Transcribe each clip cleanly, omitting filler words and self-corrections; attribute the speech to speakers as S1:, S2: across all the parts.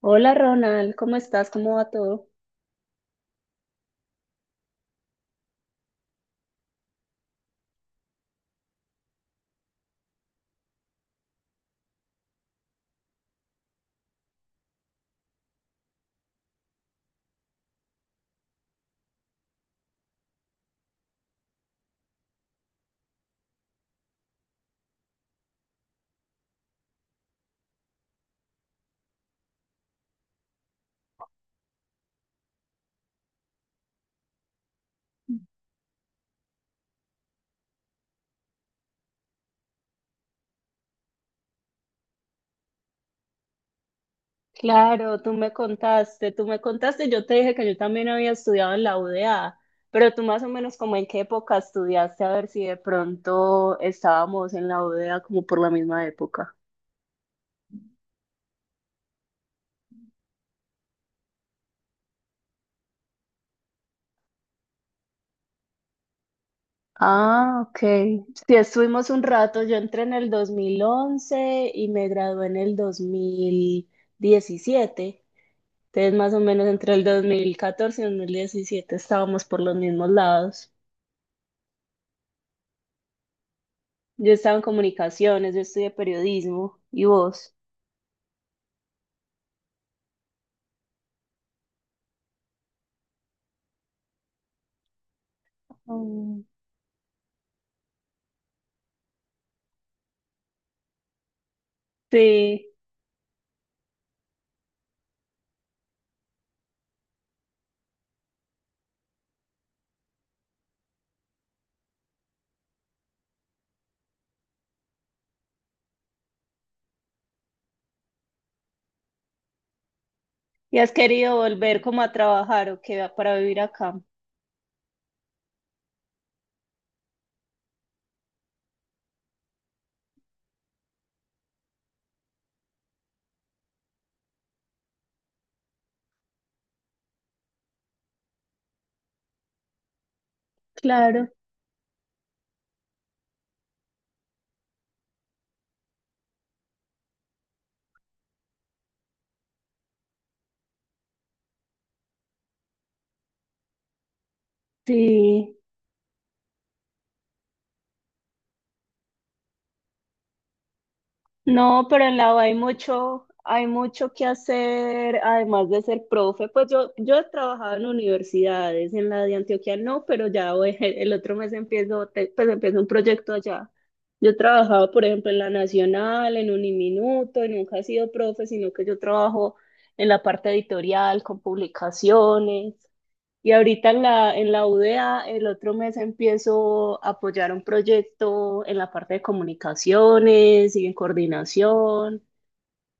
S1: Hola Ronald, ¿cómo estás? ¿Cómo va todo? Claro, tú me contaste, yo te dije que yo también había estudiado en la UDA, pero tú más o menos como en qué época estudiaste, a ver si de pronto estábamos en la UDA como por la misma época. Ah, ok. Sí, estuvimos un rato, yo entré en el 2011 y me gradué en el 2017, entonces más o menos entre el 2014 y 2017 estábamos por los mismos lados. Yo estaba en comunicaciones, yo estudié periodismo y vos. Mm. Sí. ¿Y has querido volver como a trabajar o qué para vivir acá? Claro. Sí. No, pero en la U hay mucho que hacer, además de ser profe. Pues yo he trabajado en universidades, en la de Antioquia no, pero ya voy- el otro mes empiezo, te- pues empiezo un proyecto allá. Yo he trabajado, por ejemplo, en la Nacional, en Uniminuto, y nunca he sido profe, sino que yo trabajo en la parte editorial, con publicaciones. Y ahorita en la UDEA el otro mes empiezo a apoyar un proyecto en la parte de comunicaciones y en coordinación.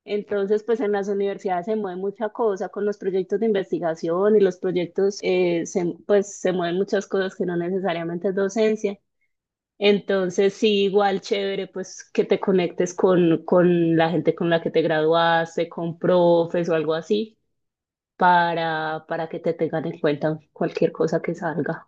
S1: Entonces, pues en las universidades se mueve mucha cosa con los proyectos de investigación y los proyectos, se- pues se mueven muchas cosas que no necesariamente es docencia. Entonces, sí, igual chévere, pues que te conectes con la gente con la que te graduaste, con profes o algo así, para que te tengan en cuenta cualquier cosa que salga.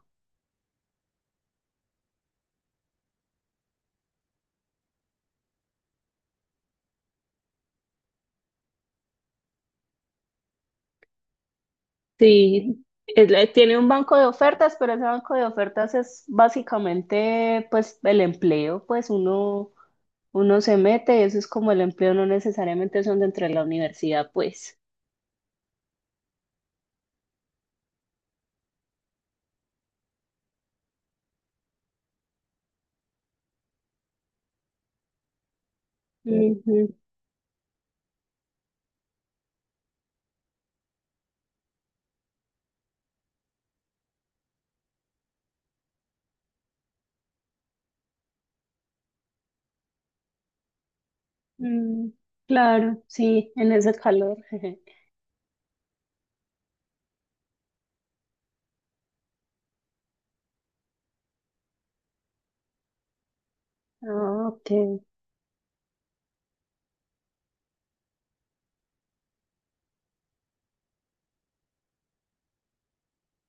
S1: Sí, es la- tiene un banco de ofertas, pero ese banco de ofertas es básicamente pues el empleo, pues uno se mete eso es como el empleo, no necesariamente son dentro de la universidad, pues. Ujú. Mm, claro, sí, en ese calor. Ah, ok,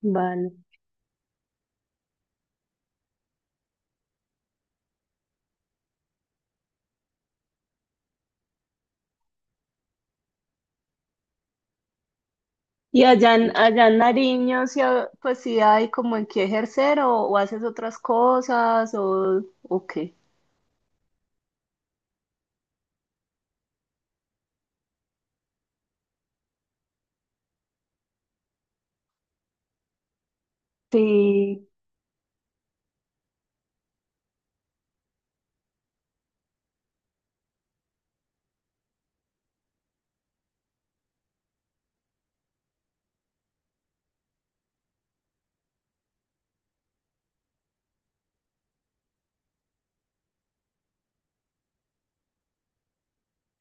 S1: vale. ¿Y allá en Nariño, sí, ha- pues sí hay como en qué ejercer o haces otras cosas o qué? Sí,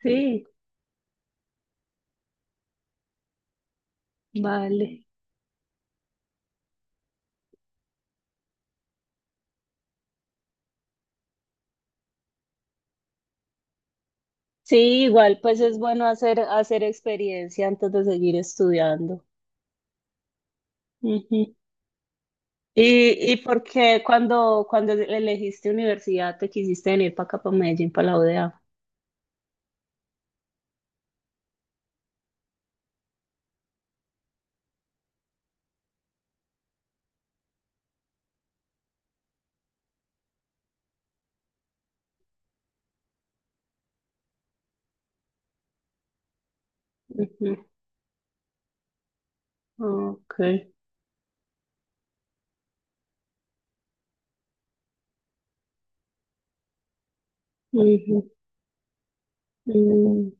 S1: sí, vale. Sí, igual pues es bueno hacer, hacer experiencia antes de seguir estudiando. Ujú. Y por qué cuando elegiste universidad te quisiste venir para acá, para Medellín, para la UdeA? Ujú. Okay. Ujú. Mm,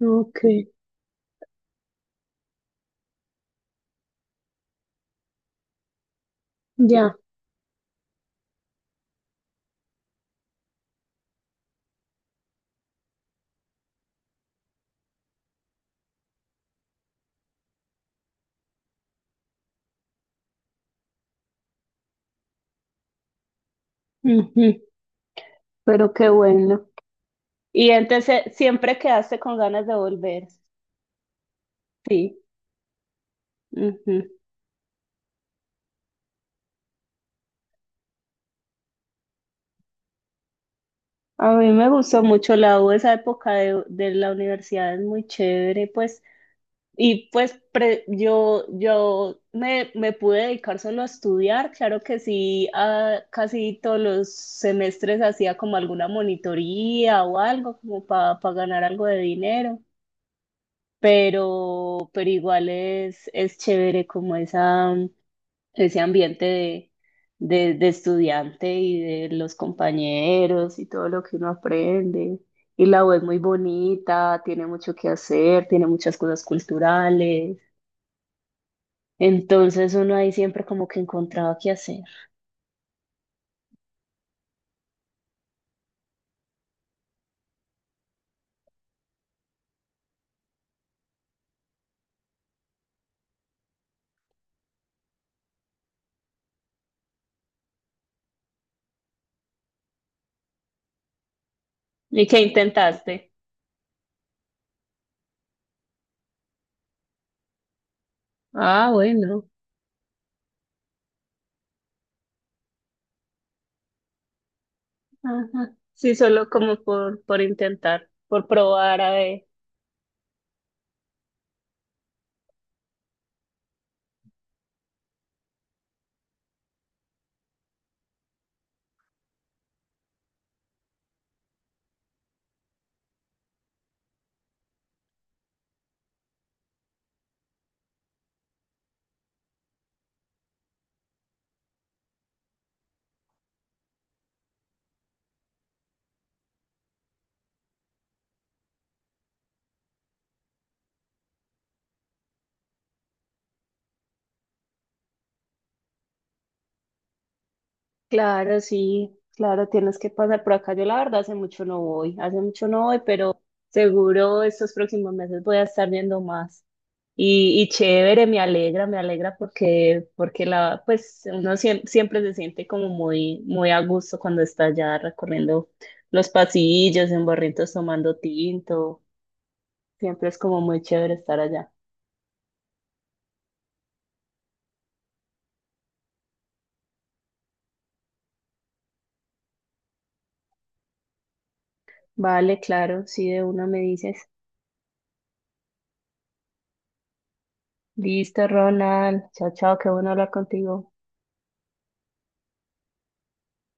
S1: ok, ya. Ujú. Pero qué bueno. Y entonces siempre quedaste con ganas de volver. Sí. Ujú. A mí me gustó mucho la U, esa época de la universidad es muy chévere, pues y pues pre- yo me pude dedicar solo a estudiar, claro que sí, a- casi todos los semestres hacía como alguna monitoría o algo como para ganar algo de dinero, pero igual es chévere como esa, ese ambiente de estudiante y de los compañeros y todo lo que uno aprende. Y la U es muy bonita, tiene mucho que hacer, tiene muchas cosas culturales. Entonces uno ahí siempre como que encontraba qué hacer. ¿Y qué intentaste? Ah, bueno. Ajá. Sí, solo como por intentar, por probar a ver. Claro, sí, claro, tienes que pasar por acá. Yo la verdad hace mucho no voy, hace mucho no voy, pero seguro estos próximos meses voy a estar viendo más. Y chévere, me alegra porque, porque la, pues uno siem- siempre, se siente como muy, muy a gusto cuando está allá recorriendo los pasillos, en barritos tomando tinto. Siempre es como muy chévere estar allá. Vale, claro, sí, de una me dices. Listo, Ronald. Chao, chao, qué bueno hablar contigo.